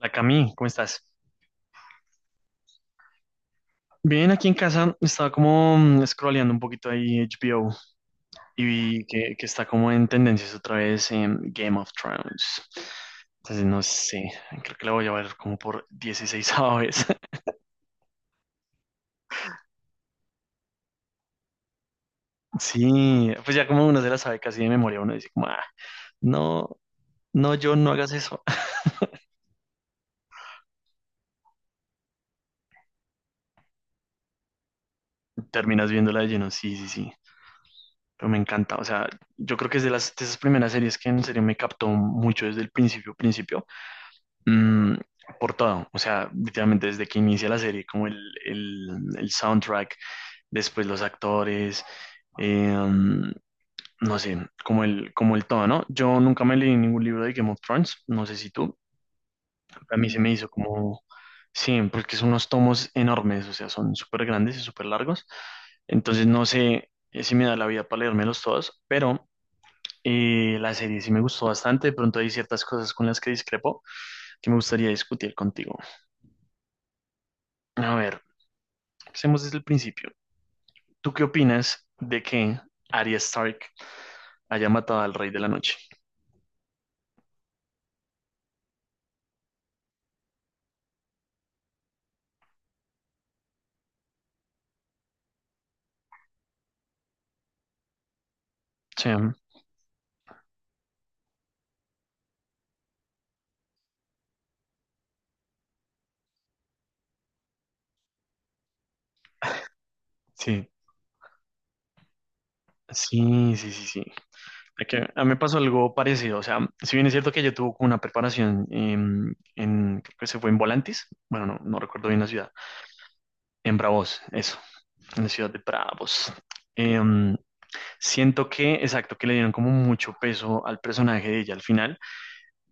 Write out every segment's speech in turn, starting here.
La Cami, ¿cómo estás? Bien, aquí en casa estaba como scrolleando un poquito ahí HBO y vi que está como en tendencias otra vez en Game of Thrones. Entonces, no sé, creo que la voy a ver como por 16 vez. Sí, pues ya como uno se la sabe casi de memoria, uno dice como, "Ah, no, no, yo no hagas eso." Terminas viéndola de lleno, sí, sí, sí. Pero me encanta, o sea, yo creo que es de las de esas primeras series que en serio me captó mucho desde el principio, principio. Mm, por todo, o sea, literalmente desde que inicia la serie, como el- el soundtrack, después los actores, eh, no sé, como el todo, ¿no? Yo nunca me leí ningún libro de Game of Thrones, no sé si tú, a mí se me hizo como, sí, porque son unos tomos enormes, o sea, son súper grandes y súper largos, entonces no sé si me da la vida para leérmelos todos, pero la serie sí me gustó bastante, de pronto hay ciertas cosas con las que discrepo que me gustaría discutir contigo. A ver, empecemos desde el principio. ¿Tú qué opinas de que Arya Stark haya matado al Rey de la Noche? O sea, sí, sí, sí, sí, sí. Es que a mí me pasó algo parecido. O sea, si bien es cierto que yo tuve como una preparación en, creo que se fue en Volantis, bueno, no, no recuerdo bien la ciudad, en Bravos, eso, en la ciudad de Bravos. Em, Siento que, exacto, que le dieron como mucho peso al personaje de ella al final.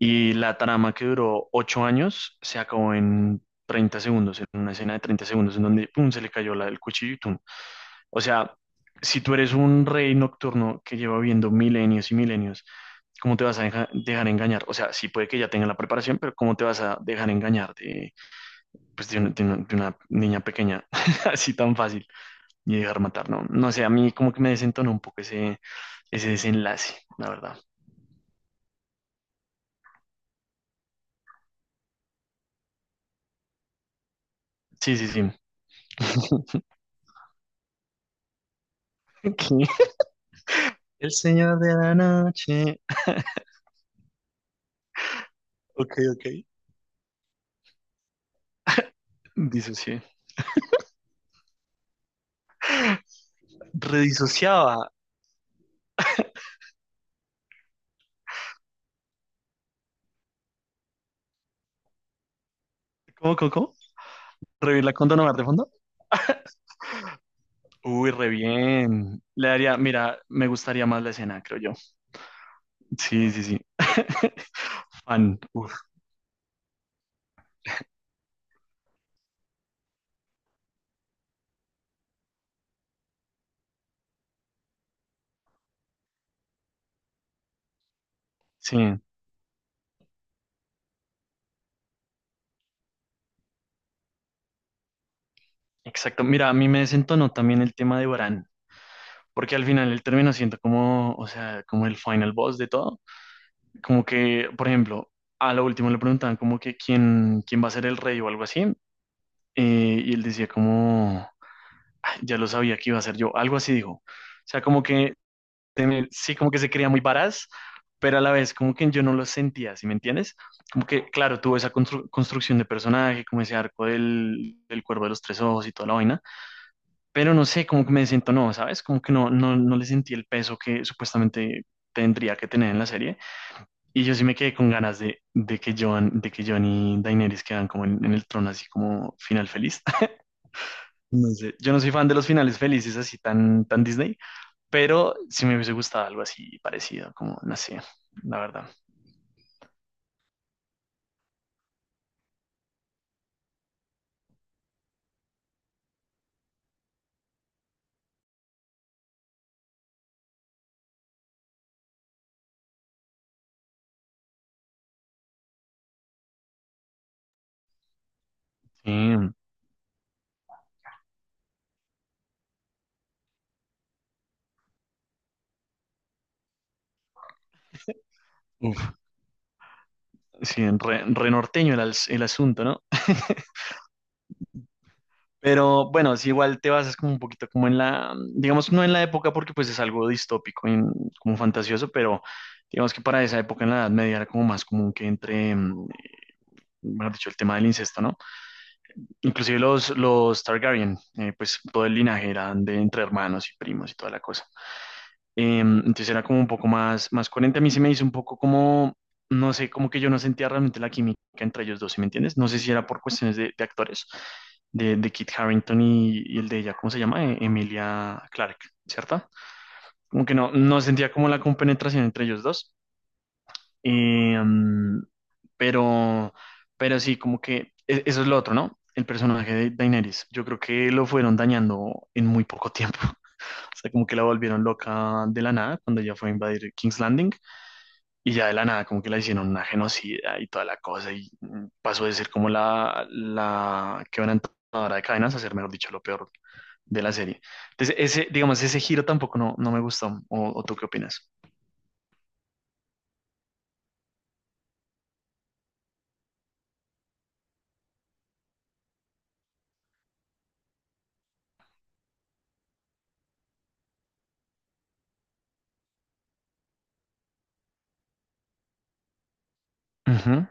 Y la trama que duró 8 años se acabó en 30 segundos, en una escena de 30 segundos, en donde pum, se le cayó la del cuchillo y tum. O sea, si tú eres un rey nocturno que lleva viendo milenios y milenios, ¿cómo te vas a dejar engañar? O sea, sí puede que ya tenga la preparación, pero ¿cómo te vas a dejar engañar de, pues de una niña pequeña así tan fácil y dejar matar? No, no sé, a mí como que me desentonó un poco ese desenlace, la verdad. Sí, sí, sí. El señor de la noche. Ok, ok. Disocié. Redisociaba. ¿Cómo, cómo, cómo? ¿Revirla con Don Omar de fondo? Uy, re bien. Le daría, mira, me gustaría más la escena, creo yo. Sí, sí, sí. Fan. Uf, sí. Exacto. Mira, a mí me desentonó también el tema de Bran. Porque al final él termina siendo como, o sea, como el final boss de todo. Como que, por ejemplo, a lo último le preguntaban como que quién va a ser el rey o algo así. Y él decía como, ya lo sabía que iba a ser yo, algo así dijo. O sea, como que sí, como que se creía muy varaz, pero a la vez como que yo no lo sentía, ¿sí me entiendes? Como que, claro, tuvo esa construcción de personaje, como ese arco del cuervo de los tres ojos y toda la vaina, pero no sé, como que me siento no, ¿sabes? Como que no, no, no le sentí el peso que supuestamente tendría que tener en la serie. Y yo sí me quedé con ganas de que John y Daenerys quedan como en el trono, así como final feliz. No sé, yo no soy fan de los finales felices así tan, tan Disney, pero sí me hubiese gustado algo así parecido, como, no sé, la verdad. Sí, uf, sí, re, re norteño el, el asunto, ¿no? Pero bueno, si igual te basas como un poquito como en la, digamos, no en la época porque pues es algo distópico, y como fantasioso, pero digamos que para esa época en la Edad Media era como más común que entre, mejor dicho, el tema del incesto, ¿no? Inclusive los Targaryen, pues todo el linaje eran de entre hermanos y primos y toda la cosa. Entonces era como un poco más, más coherente. A mí se me hizo un poco como, no sé, como que yo no sentía realmente la química entre ellos dos, ¿sí me entiendes? No sé si era por cuestiones de actores, de Kit Harington y el de ella, ¿cómo se llama? Emilia Clarke, ¿cierto? Como que no, no sentía como la compenetración entre ellos dos. Em, pero, pero sí, como que eso es lo otro, ¿no? El personaje de Daenerys. Yo creo que lo fueron dañando en muy poco tiempo. O sea, como que la volvieron loca de la nada cuando ella fue a invadir King's Landing y ya de la nada como que la hicieron una genocida y toda la cosa y pasó de ser como la quebrantadora de cadenas a ser, mejor dicho, lo peor de la serie. Entonces, ese, digamos, ese giro tampoco no, no me gustó. O tú qué opinas? Ujú.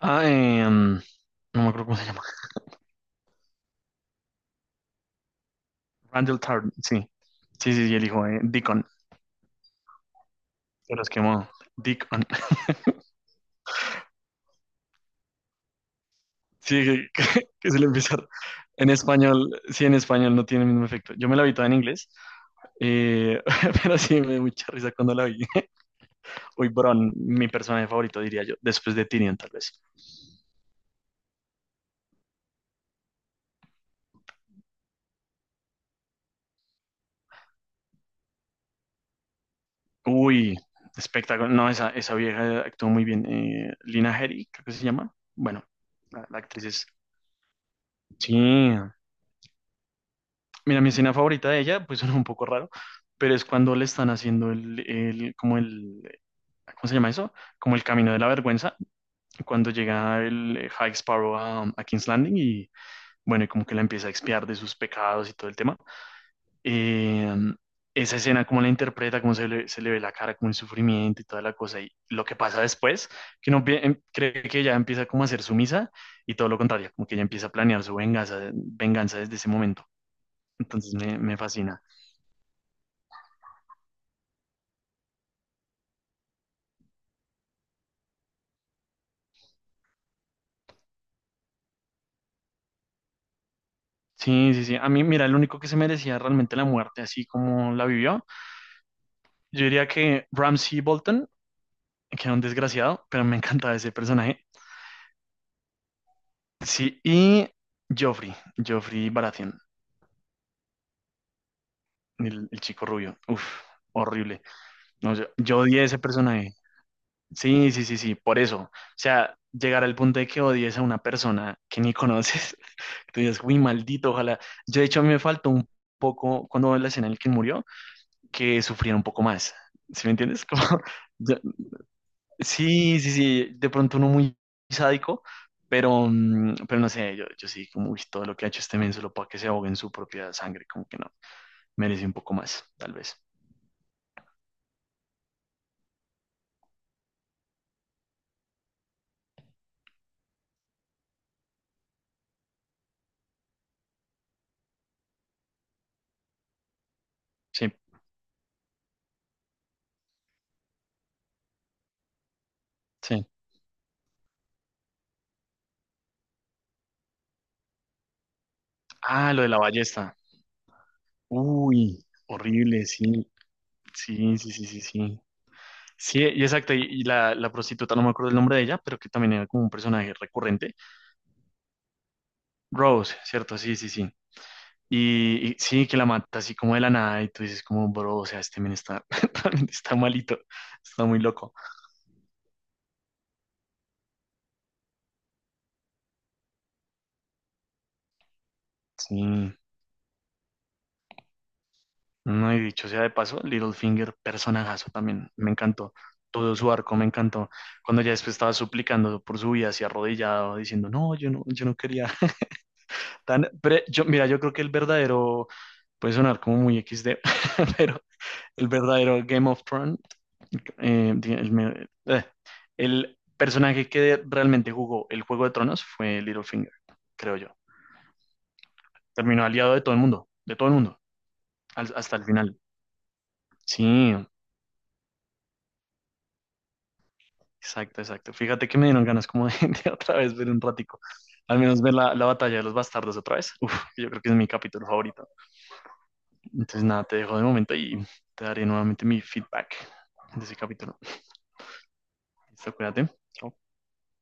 Ah, no me acuerdo cómo se llama. Randall Tarn, sí. Sí, sí, sí, el hijo de Deacon, se los quemó. Deacon. Sí, que, que- se le empieza a- En español, sí, en español no tiene el mismo efecto. Yo me la vi toda en inglés, eh, pero sí me dio mucha risa cuando la vi. Uy, Bron, mi personaje favorito, diría yo, después de Tyrion, tal vez. Uy, espectáculo. No, esa vieja actuó muy bien. Lina Headey, creo que se llama. Bueno, la actriz es. Sí. Mira, mi escena favorita de ella, pues suena un poco raro, pero es cuando le están haciendo como el, ¿cómo se llama eso? Como el camino de la vergüenza cuando llega el High Sparrow a King's Landing y bueno, y como que la empieza a expiar de sus pecados y todo el tema. Eh, Esa escena, cómo la interpreta, cómo se le ve la cara, como el sufrimiento y toda la cosa. Y lo que pasa después, que uno cree que ella empieza como a ser sumisa y todo lo contrario, como que ella empieza a planear su venganza, venganza desde ese momento. Entonces me fascina. Sí, sí, sí. A mí, mira, el único que se merecía realmente la muerte, así como la vivió, yo diría que Ramsay Bolton, que era un desgraciado, pero me encantaba ese personaje. Sí, y Joffrey, Joffrey Baratheon, el chico rubio. Uf, horrible. No, yo odié ese personaje. Sí, sí, sí, sí, por eso. O sea, llegar al punto de que odies a una persona que ni conoces, tú dices, uy, maldito, ojalá. Yo, de hecho, a mí me faltó un poco, cuando veo la escena en la que murió, que sufriera un poco más. ¿Sí me entiendes? Como, yo, sí, sí, sí, de pronto uno muy sádico, pero, pero no sé, yo sí, como uy, todo lo que ha hecho este men solo para que se ahogue en su propia sangre, como que no, merece un poco más, tal vez. Sí, sí. Ah, lo de la ballesta. Uy, horrible, sí, sí, sí, sí, sí, sí. Sí, y exacto, y la prostituta, no me acuerdo el nombre de ella, pero que también era como un personaje recurrente. Rose, ¿cierto? Sí, sí, sí. Y sí, que la mata así como de la nada y tú dices como, bro, o sea, este men está, realmente está malito, está muy loco. Sí, no he dicho sea de paso, Littlefinger, personajazo también, me encantó. Todo su arco me encantó. Cuando ya después estaba suplicando por su vida, así arrodillado, diciendo, no, yo no quería. Tan, pero yo, mira, yo, creo que el verdadero, puede sonar como muy XD, pero el verdadero Game of Thrones eh, di- el, eh, el personaje que realmente jugó el Juego de Tronos fue Littlefinger, creo yo. Terminó aliado de todo el mundo, de todo el mundo, hasta el final. Sí, exacto, exacto. Fíjate que me dieron ganas como de, de otra vez ver un ratico. Al menos ver la, la batalla de los bastardos otra vez. Uf, yo creo que es mi capítulo favorito. Entonces nada, te dejo de momento y te daré nuevamente mi feedback de ese capítulo. Listo, cuídate. Chao.